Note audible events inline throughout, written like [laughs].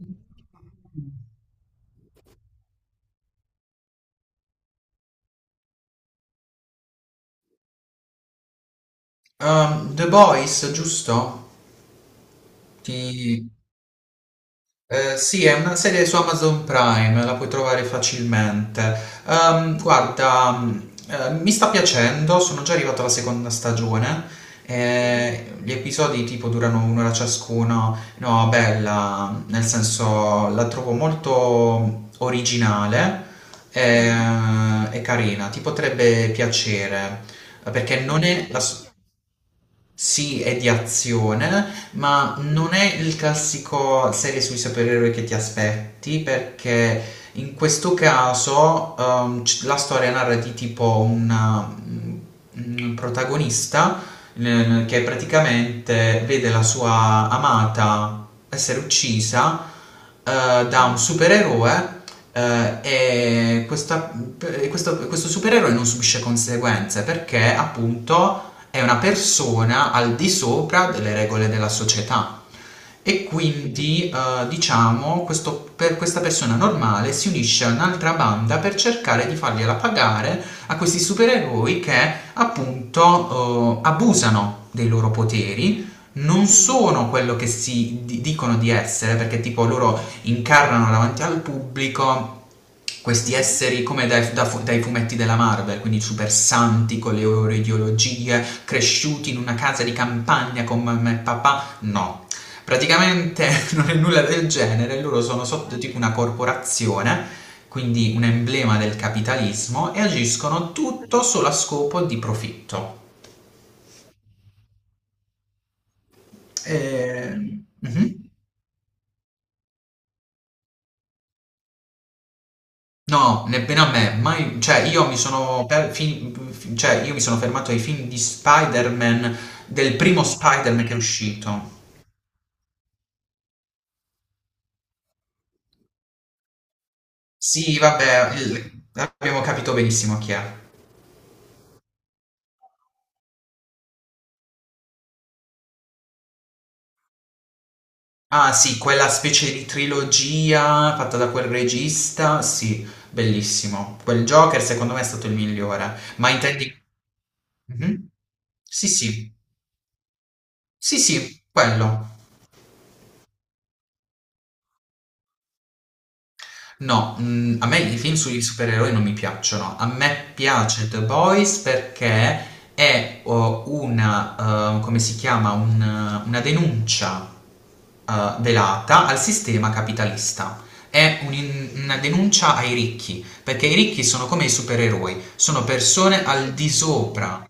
Ehm, The Boys, giusto? Ti- sì, è una serie su Amazon Prime, la puoi trovare facilmente. Guarda, mi sta piacendo, sono già arrivato alla seconda stagione. Gli episodi tipo durano un'ora ciascuno. No, bella, nel senso la trovo molto originale eh, e, carina, ti potrebbe piacere. Perché non è la. Sì, è di azione, ma non è il classico serie sui supereroi che ti aspetti perché in questo caso, la storia narra di tipo un protagonista che praticamente vede la sua amata essere uccisa da un supereroe eh, e questa- e questo supereroe non subisce conseguenze perché appunto è una persona al di sopra delle regole della società. E quindi, diciamo, per questa persona normale si unisce a un'altra banda per cercare di fargliela pagare a questi supereroi che appunto abusano dei loro poteri, non sono quello che si dicono di essere, perché tipo loro incarnano davanti al pubblico questi esseri come dai fumetti della Marvel, quindi super santi con le loro ideologie, cresciuti in una casa di campagna con mamma e papà. No, praticamente [laughs] non è nulla del genere, loro sono sotto tipo una corporazione, quindi un emblema del capitalismo, e agiscono tutto solo a scopo di profitto. Mhm. No, nemmeno a me, mai, cioè io mi sono per- fin- fin- cioè, io mi sono fermato ai film di Spider-Man, del primo Spider-Man che è uscito. Sì, vabbè, il- abbiamo capito benissimo chi è. Ah sì, quella specie di trilogia fatta da quel regista, sì, bellissimo. Quel Joker secondo me è stato il migliore, ma intendi... Mhm. Sì, sì, sì, sì, quello. No, a me i film sui supereroi non mi piacciono. A me piace The Boys perché è o una, come si chiama, un una denuncia, velata al sistema capitalista. È un'in una denuncia ai ricchi, perché i ricchi sono come i supereroi, sono persone al di sopra.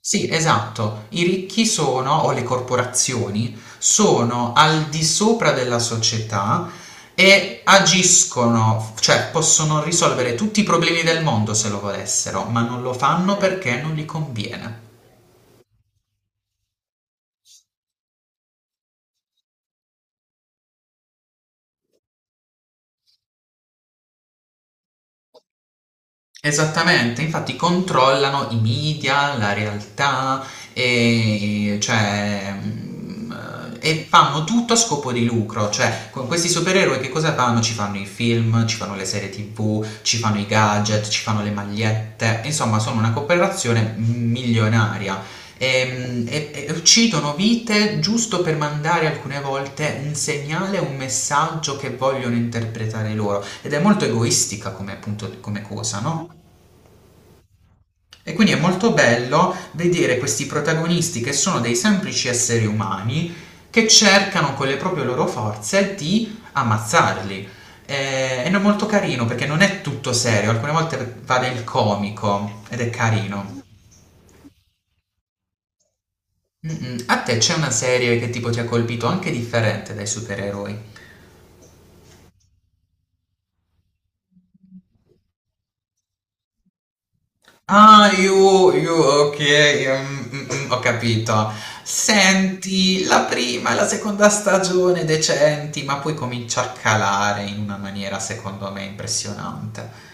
Sì, esatto, i ricchi sono, o le corporazioni, sono al di sopra della società e agiscono, cioè possono risolvere tutti i problemi del mondo se lo volessero, ma non lo fanno perché non gli conviene. Esattamente, infatti controllano i media, la realtà e, cioè, fanno tutto a scopo di lucro, cioè con questi supereroi che cosa fanno? Ci fanno i film, ci fanno le serie TV, ci fanno i gadget, ci fanno le magliette, insomma sono una cooperazione milionaria. E uccidono vite giusto per mandare alcune volte un segnale, un messaggio che vogliono interpretare loro ed è molto egoistica come, appunto, come cosa, no? E quindi è molto bello vedere questi protagonisti che sono dei semplici esseri umani che cercano con le proprie loro forze di ammazzarli. Ed è no, molto carino perché non è tutto serio, alcune volte va nel comico ed è carino. Mm-mm. A te c'è una serie che tipo ti ha colpito anche differente dai supereroi? Ah, you, you, ok, mm, mm, mm, ho capito. Senti, la prima e la seconda stagione decenti, ma poi comincia a calare in una maniera secondo me impressionante.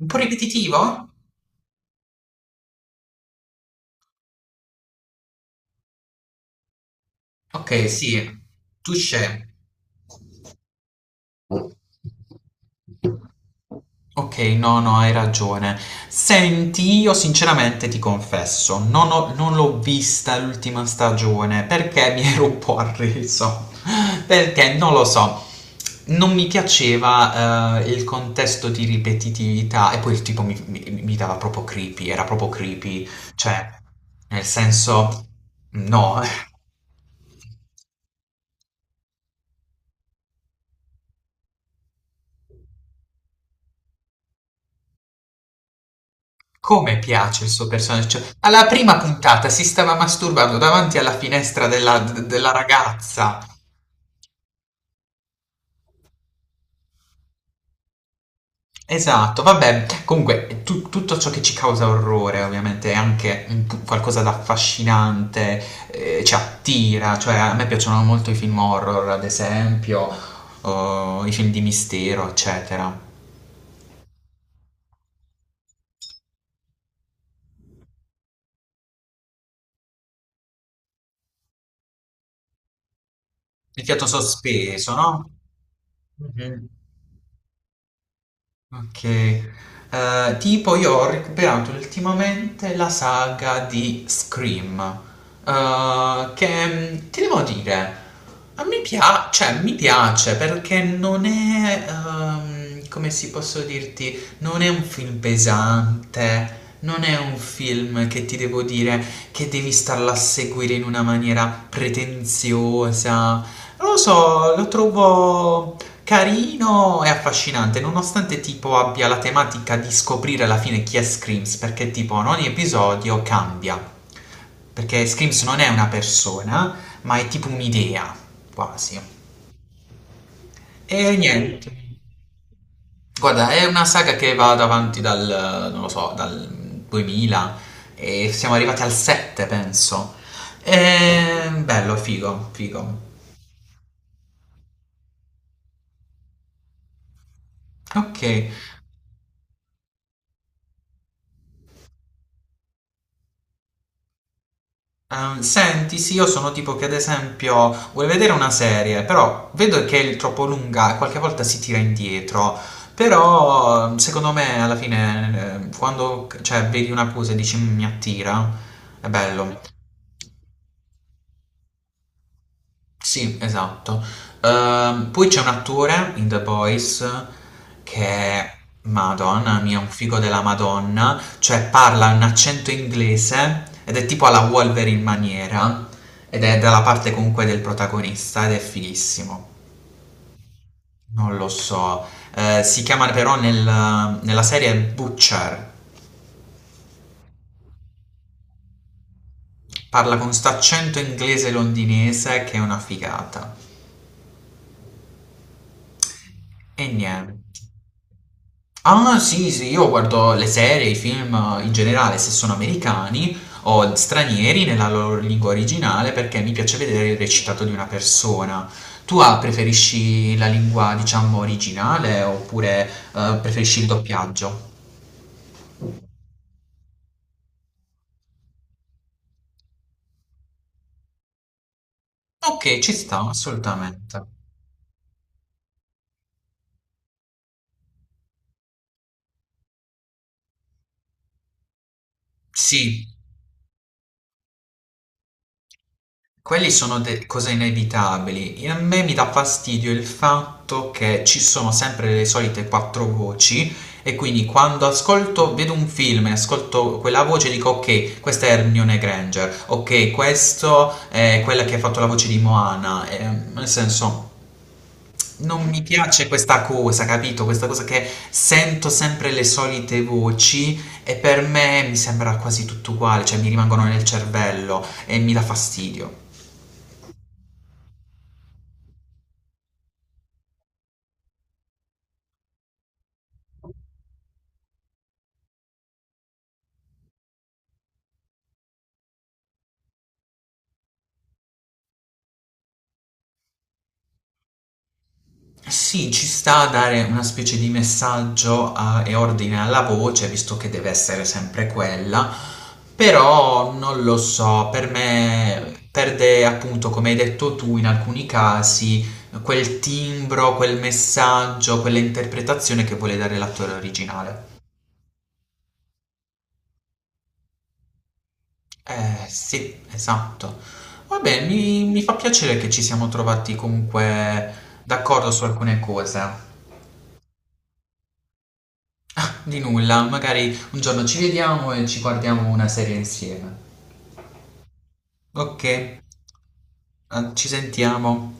Un po' ripetitivo? Ok, sì, touché. Okay, no, no, hai ragione. Senti, io sinceramente ti confesso, non l'ho vista l'ultima stagione perché mi [laughs] ero un po' arreso, [laughs] perché non lo so, non mi piaceva, il contesto di ripetitività e poi il tipo mi dava proprio creepy, era proprio creepy, cioè nel senso no, [laughs] come piace il suo personaggio, cioè alla prima puntata si stava masturbando davanti alla finestra della ragazza. Esatto, vabbè, comunque tutto ciò che ci causa orrore ovviamente è anche qualcosa d'affascinante, ci attira, cioè a me piacciono molto i film horror, ad esempio, o i film di mistero, eccetera. Il fiato sospeso, no? Mhm. Ok, tipo io ho recuperato ultimamente la saga di Scream, che ti devo dire, a me piace, cioè mi piace perché non è, come si posso dirti, non è un film pesante, non è un film che ti devo dire che devi starla a seguire in una maniera pretenziosa, non lo so, lo trovo. Carino e affascinante, nonostante tipo abbia la tematica di scoprire alla fine chi è Screams, perché tipo in ogni episodio cambia. Perché Screams non è una persona, ma è tipo un'idea, quasi. E niente. Guarda, è una saga che va davanti dal, non lo so, dal 2000 e siamo arrivati al 7, penso. E bello, figo, figo. Ok, senti, sì, io sono tipo che ad esempio vuole vedere una serie, però vedo che è troppo lunga e qualche volta si tira indietro. Però secondo me alla fine quando cioè, vedi una cosa e dici "Mm, mi attira, è bello." Sì, esatto. Poi c'è un attore in The Boys che è Madonna mia, un figo della Madonna, cioè parla un accento inglese ed è tipo alla Wolverine maniera ed è dalla parte comunque del protagonista ed è fighissimo. Non lo so. Si chiama però nella serie Butcher. Parla con sto accento inglese londinese che è una figata. E niente. Ah, sì, sì, io guardo le serie, i film in generale, se sono americani o stranieri nella loro lingua originale, perché mi piace vedere il recitato di una persona. Tu preferisci la lingua, diciamo, originale oppure preferisci il doppiaggio? Ok, ci sta, assolutamente. Sì. Quelli sono cose inevitabili. E a me mi dà fastidio il fatto che ci sono sempre le solite quattro voci e quindi quando ascolto, vedo un film e ascolto quella voce dico ok, questa è Hermione Granger, ok, questo è quella che ha fatto la voce di Moana. Nel senso, non mi piace questa cosa, capito? Questa cosa che sento sempre le solite voci e per me mi sembra quasi tutto uguale, cioè mi rimangono nel cervello e mi dà fastidio. Sì, ci sta a dare una specie di messaggio e ordine alla voce, visto che deve essere sempre quella, però non lo so, per me perde appunto, come hai detto tu, in alcuni casi quel timbro, quel messaggio, quell'interpretazione che vuole dare l'attore originale. Eh sì, esatto. Vabbè, mi fa piacere che ci siamo trovati comunque d'accordo su alcune cose. Di nulla, magari un giorno ci vediamo e ci guardiamo una serie insieme. Ok, ci sentiamo.